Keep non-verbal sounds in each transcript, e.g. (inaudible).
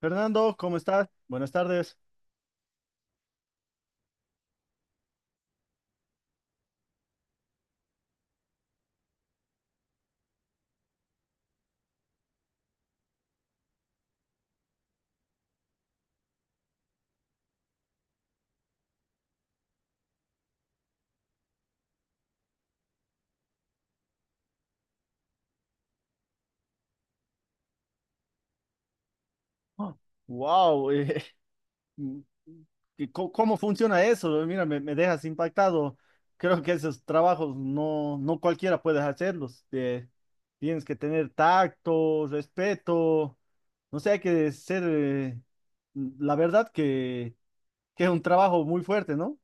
Fernando, ¿cómo estás? Buenas tardes. Wow, ¿cómo, (laughs) cómo funciona eso? Mira, me dejas impactado. Creo que esos trabajos no cualquiera puede hacerlos. Tienes que tener tacto, respeto. No sé, hay que ser, la verdad que es un trabajo muy fuerte, ¿no?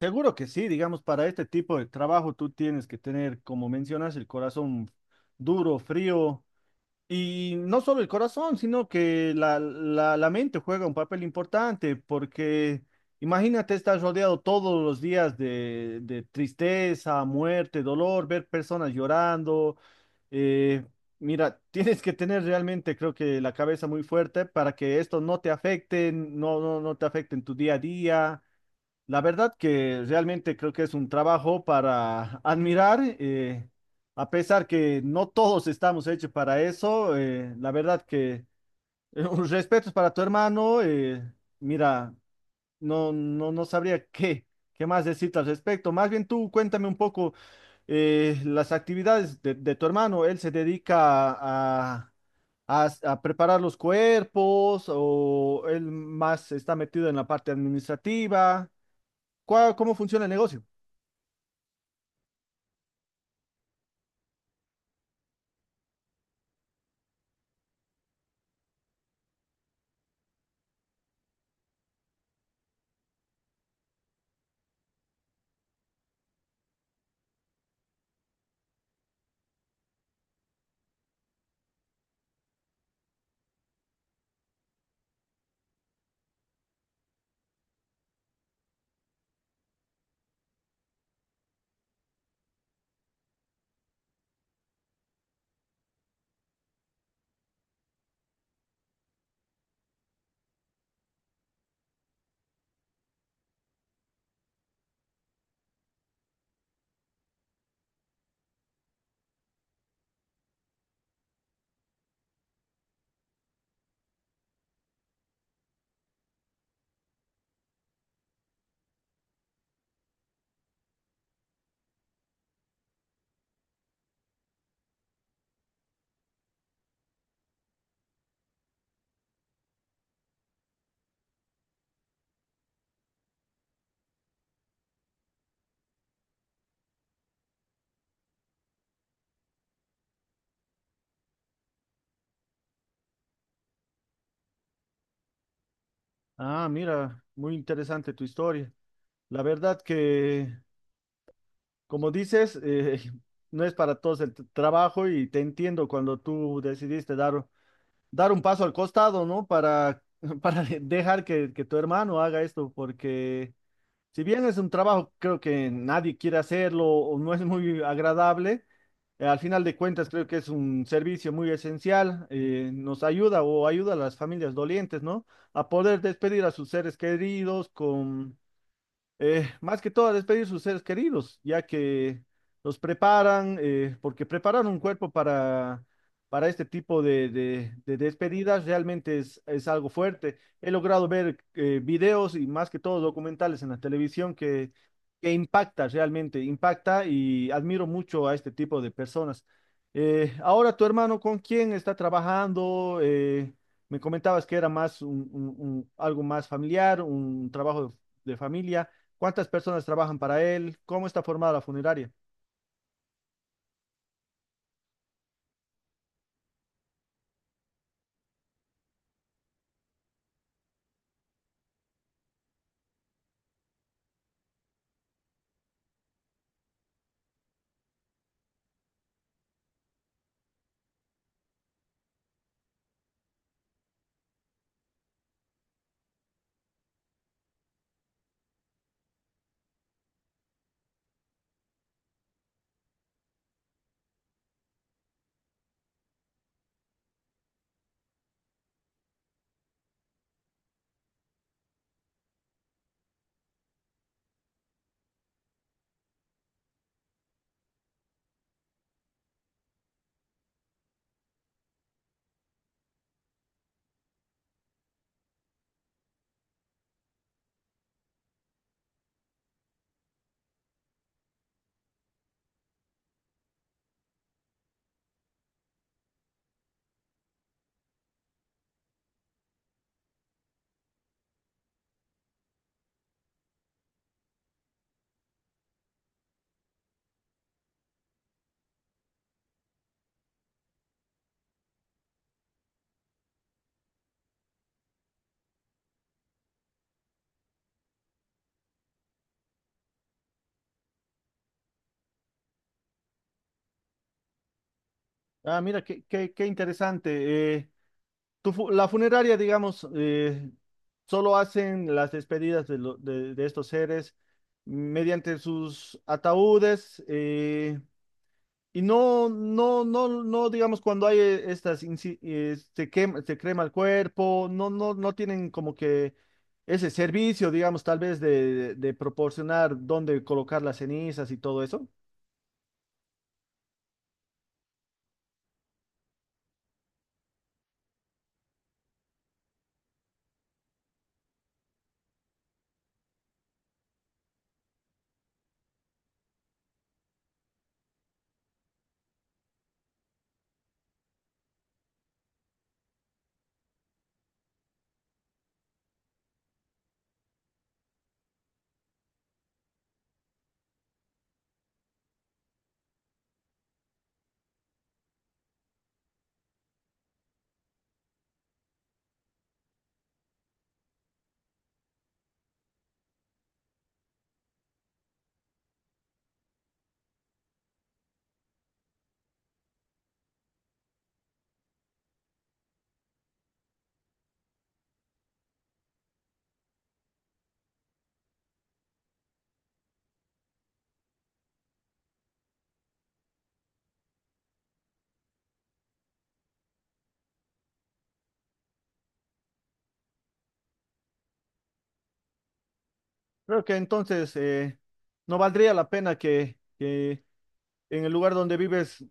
Seguro que sí, digamos, para este tipo de trabajo tú tienes que tener, como mencionas, el corazón duro, frío. Y no solo el corazón, sino que la mente juega un papel importante, porque imagínate estar rodeado todos los días de tristeza, muerte, dolor, ver personas llorando. eh, mira, (laughs) tienes que tener realmente, creo que la cabeza muy fuerte para que esto no te afecte, no te afecte en tu día a día. La verdad que realmente creo que es un trabajo para admirar, a pesar que no todos estamos hechos para eso, la verdad que (laughs) un respeto para tu hermano, mira, no sabría qué más decirte al respecto. Más bien tú cuéntame un poco las actividades de tu hermano. Él se dedica a preparar los cuerpos, o él más está metido en la parte administrativa. ¿Cómo funciona el negocio? Ah, mira, muy interesante tu historia. La verdad que como dices, (laughs) no es para todos el trabajo, y te entiendo cuando tú decidiste dar un paso al costado, ¿no? Para, (laughs) para dejar que tu hermano haga esto, porque si bien es un trabajo creo que nadie quiere hacerlo o no es muy agradable, al final de cuentas creo que es un servicio muy esencial. Eh, nos ayuda o ayuda a las familias dolientes, ¿no? A poder despedir a sus seres queridos con más que todo a despedir sus seres queridos, ya que los preparan, porque preparar un cuerpo para este tipo de despedidas realmente es algo fuerte. He logrado ver videos y más que todo documentales en la televisión que impacta realmente. Impacta, y admiro mucho a este tipo de personas. Ahora tu hermano, ¿con quién está trabajando? Me comentabas que era más un, algo más familiar, un trabajo de familia. ¿Cuántas personas trabajan para él? ¿Cómo está formada la funeraria? Ah, mira, qué interesante. La funeraria, digamos, solo hacen las despedidas de, de estos seres mediante sus ataúdes, y no, digamos, cuando hay estas, se quema, se crema el cuerpo, no tienen como que ese servicio, digamos, tal vez de proporcionar dónde colocar las cenizas y todo eso. Creo que entonces no valdría la pena que en el lugar donde vives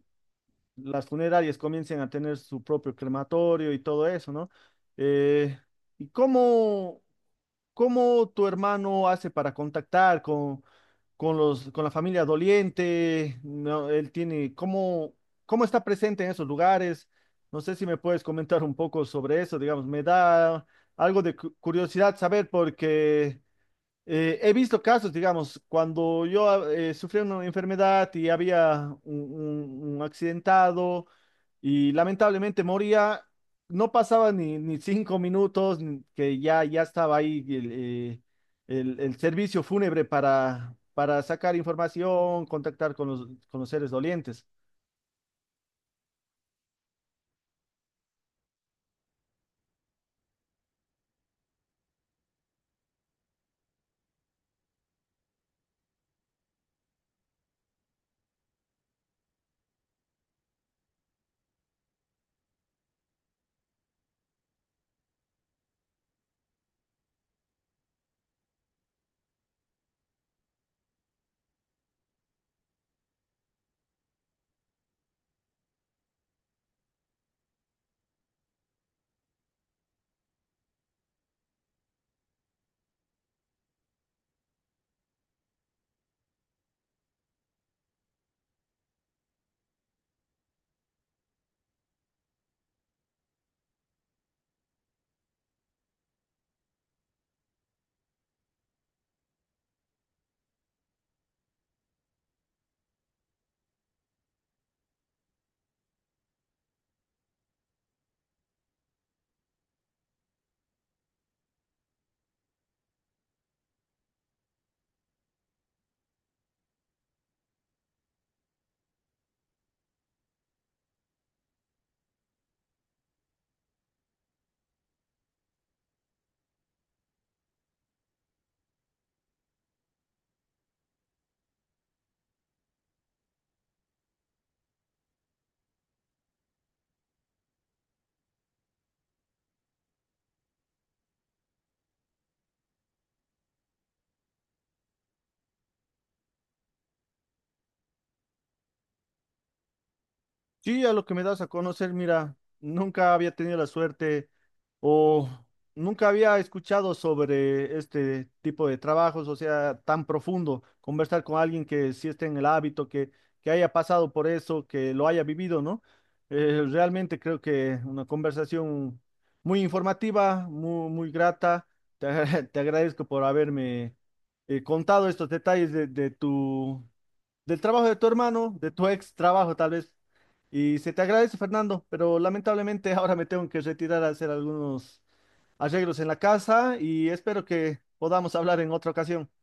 las funerarias comiencen a tener su propio crematorio y todo eso, ¿no? Eh, ¿Y cómo, cómo tu hermano hace para contactar con los, con la familia doliente? No, él tiene, ¿cómo, cómo está presente en esos lugares? No sé si me puedes comentar un poco sobre eso. Digamos, me da algo de curiosidad saber porque... he visto casos, digamos, cuando yo sufrí una enfermedad y había un, un accidentado y lamentablemente moría, no pasaba ni 5 minutos que ya estaba ahí el, el servicio fúnebre para sacar información, contactar con los seres dolientes. Sí, a lo que me das a conocer, mira, nunca había tenido la suerte o nunca había escuchado sobre este tipo de trabajos, o sea, tan profundo, conversar con alguien que sí esté en el hábito, que haya pasado por eso, que lo haya vivido, ¿no? Realmente creo que una conversación muy informativa, muy grata. (laughs) Te agradezco por haberme contado estos detalles de tu del trabajo de tu hermano, de tu ex trabajo tal vez. Y se te agradece, Fernando, pero lamentablemente (laughs) ahora me tengo que retirar a hacer algunos arreglos en la casa, y espero que podamos hablar en otra ocasión.